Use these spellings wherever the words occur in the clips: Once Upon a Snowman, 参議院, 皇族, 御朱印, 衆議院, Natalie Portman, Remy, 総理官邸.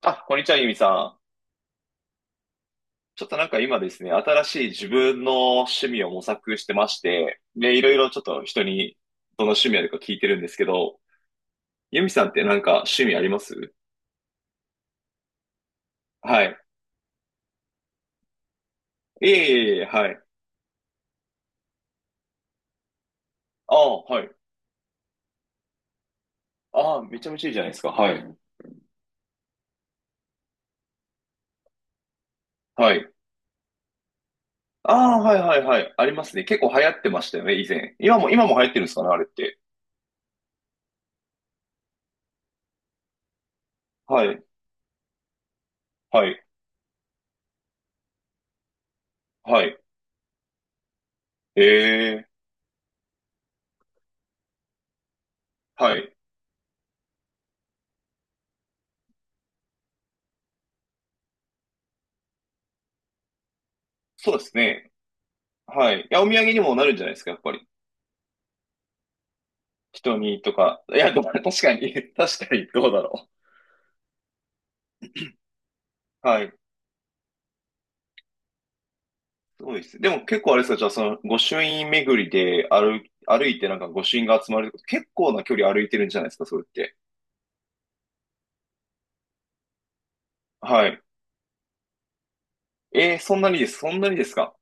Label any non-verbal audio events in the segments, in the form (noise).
あ、こんにちは、ゆみさん。ちょっとなんか今ですね、新しい自分の趣味を模索してまして、で、いろいろちょっと人にどの趣味あるか聞いてるんですけど、ゆみさんってなんか趣味あります？はい。いえいえいえ、はい。ああ、はい。ああ、めちゃめちゃいいじゃないですか。はい。はい。ああ、はいはいはい。ありますね。結構流行ってましたよね、以前。今も流行ってるんですかね、あれって。はい。はい。はい。ええ、はい。そうですね。はい。いや、お土産にもなるんじゃないですか、やっぱり。瞳とか、いや、でも確かに、(laughs) 確かに、どうだろう。はい。そうですね。でも結構あれですか、じゃあその、御朱印巡りで歩いてなんか御朱印が集まるってこと、結構な距離歩いてるんじゃないですか、それって。はい。えー、そんなにですか。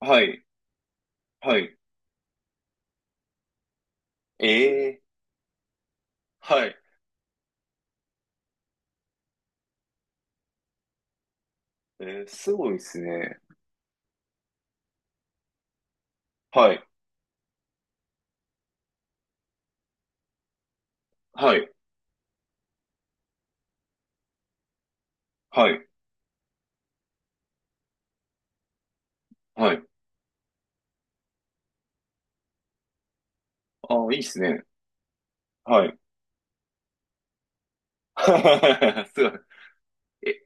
はい、はい。えー、はい。えー、すごいですね。はい、はい、はい、はい。ああ、いいですね。はい。(laughs) すごい。え、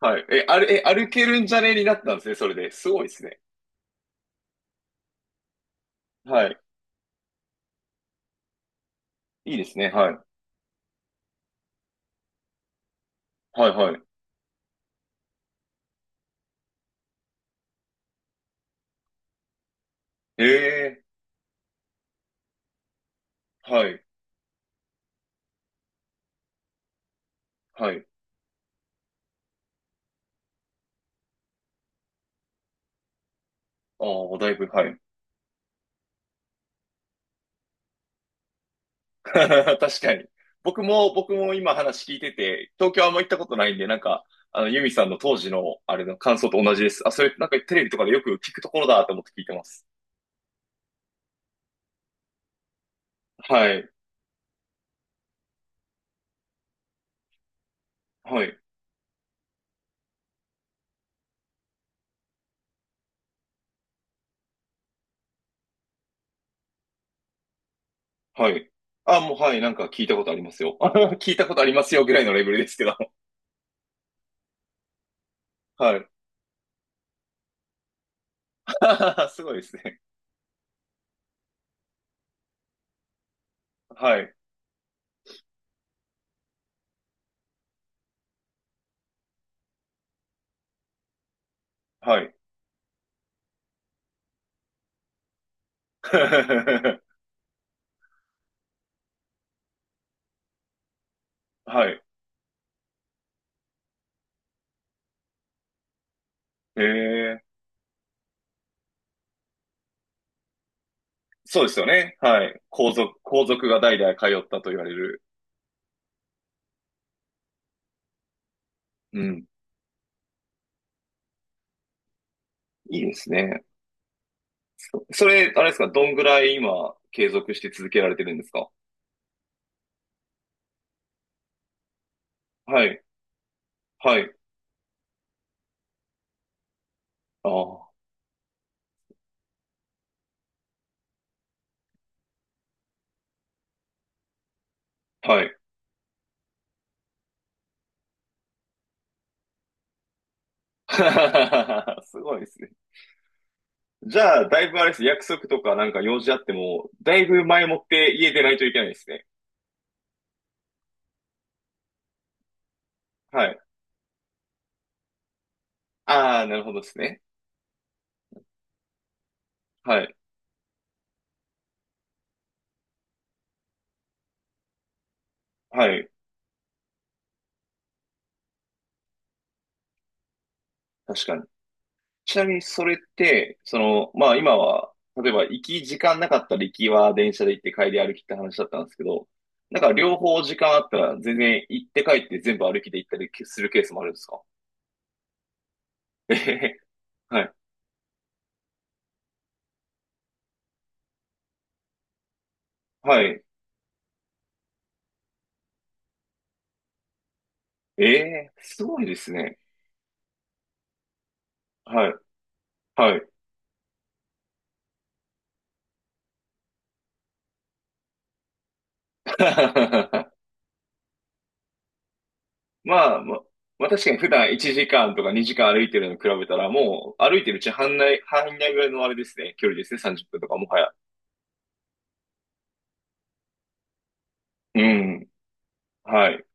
はい。え、あれえ、歩けるんじゃねになったんですね、それで。すごいですね。はい。いいですね。はい。はい、はい。ええ、はい、はい。ああ、だいぶ、はい。(laughs) 確かに。僕も今話聞いてて、東京あんま行ったことないんで、なんか、ユミさんの当時の、あれの感想と同じです。あ、それ、なんかテレビとかでよく聞くところだと思って聞いてます。はい、はい、はい。あ、もう、はい、なんか聞いたことありますよ。(laughs) 聞いたことありますよぐらいのレベルですけど。はい。(laughs) すごいですね。はい、はい。(laughs) はい。ええ、そうですよね。はい。皇族が代々通ったと言われる。うん。いいですね。それ、あれですか、どんぐらい今、継続して続けられてるんですか？はい、はい、ああ、はい。(laughs) すごいですね。じゃあ、だいぶあれです。約束とかなんか用事あっても、だいぶ前もって家出ないといけないですね。はい。ああ、なるほどですね。はい、はい。確かに。ちなみにそれって、まあ今は、例えば行き時間なかったら行きは電車で行って帰り歩きって話だったんですけど、なんか両方時間あったら全然行って帰って全部歩きで行ったりするケースもあるんですか？えへへ (laughs) はい。はい。ええ、すごいですね。はい。はい。(laughs) まあ、ま、まあ確かに普段1時間とか2時間歩いてるのに比べたら、もう歩いてるうちに半内ぐらいのあれですね、距離ですね、30分とかもはや。うん。はい。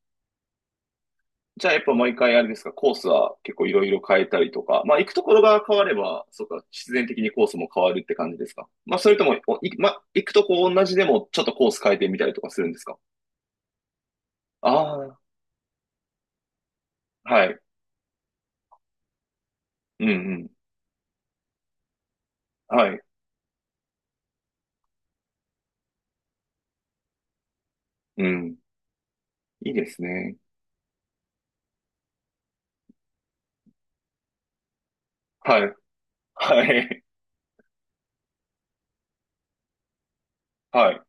じゃあやっぱ毎回あれですか、コースは結構いろいろ変えたりとか、まあ行くところが変われば、そうか、必然的にコースも変わるって感じですか。まあそれとも、おい、まあ行くとこ同じでもちょっとコース変えてみたりとかするんですか。ああ、はい。うんうん。はい。うん。いいですね。はい。はい。はい。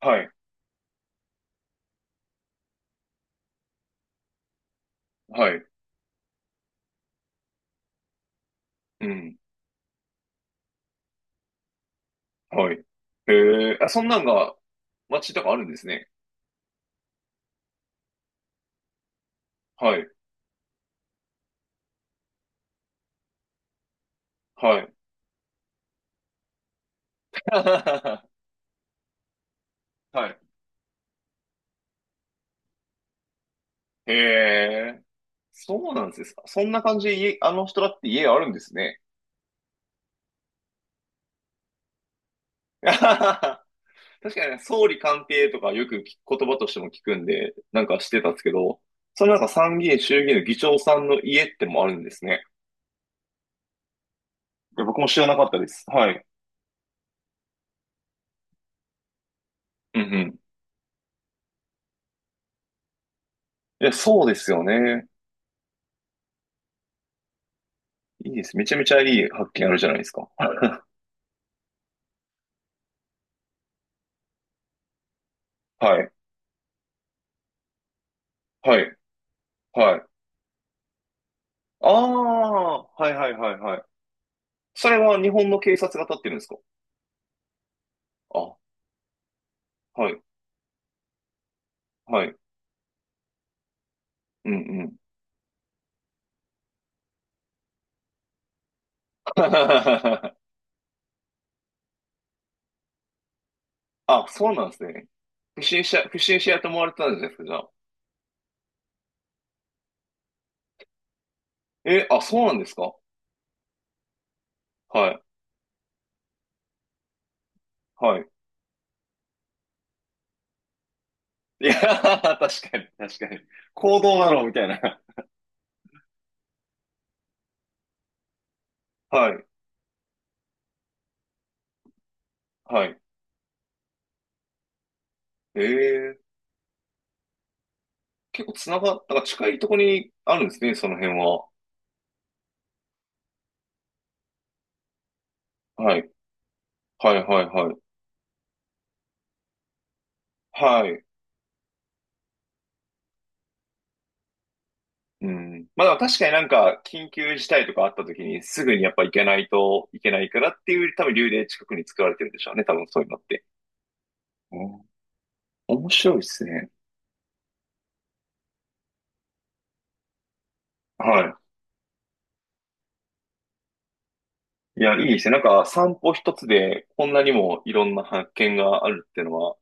はい。はい。うん。はい。ええ、あ、そんなんが街とかあるんですね。はい。はい。(laughs) はい。へえ。そうなんですか。そんな感じで家、あの人だって家があるんですね。(laughs) 確かにね、総理官邸とかよく聞く言葉としても聞くんで、なんかしてたんですけど、そのなんか参議院衆議院の議長さんの家ってもあるんですね。いや、僕も知らなかったです。はい。うんうん。いや、そうですよね。いいです。めちゃめちゃいい発見あるじゃないですか。はい。はい。はい。ああ、はいはいはいはい。それは日本の警察が立ってるんですか？あ、はい。はい。うんうん。(laughs) あ、そうなんですね。不審者やと思われてたんじゃないですか、じゃあ。え、あ、そうなんですか？はい、はい、いやー、(laughs) 確かに、確かに。行動だろみたいな。はい、はい。ええ、結構つなが、なんか近いところにあるんですね、その辺は。はい、はい、はい、はい。はい。うん。まあでも確かになんか緊急事態とかあった時にすぐにやっぱ行けないといけないからっていう多分理由で近くに作られてるんでしょうね、多分そういうのって。うん。面白いですね。はい。いや、いいですね。なんか散歩一つでこんなにもいろんな発見があるっていうのは、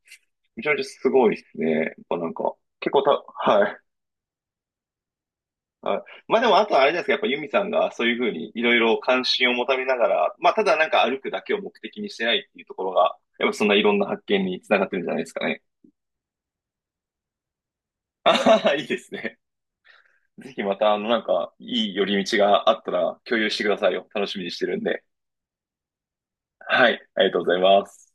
めちゃめちゃすごいですね。やっぱなんか、結構た、はい。はい。まあでも、あとあれですけど、やっぱユミさんがそういうふうにいろいろ関心を持たれながら、まあただなんか歩くだけを目的にしてないっていうところが、やっぱそんないろんな発見につながってるんじゃないですかね。あははいいですね。ぜひまた、なんか、いい寄り道があったら共有してくださいよ。楽しみにしてるんで。はい。ありがとうございます。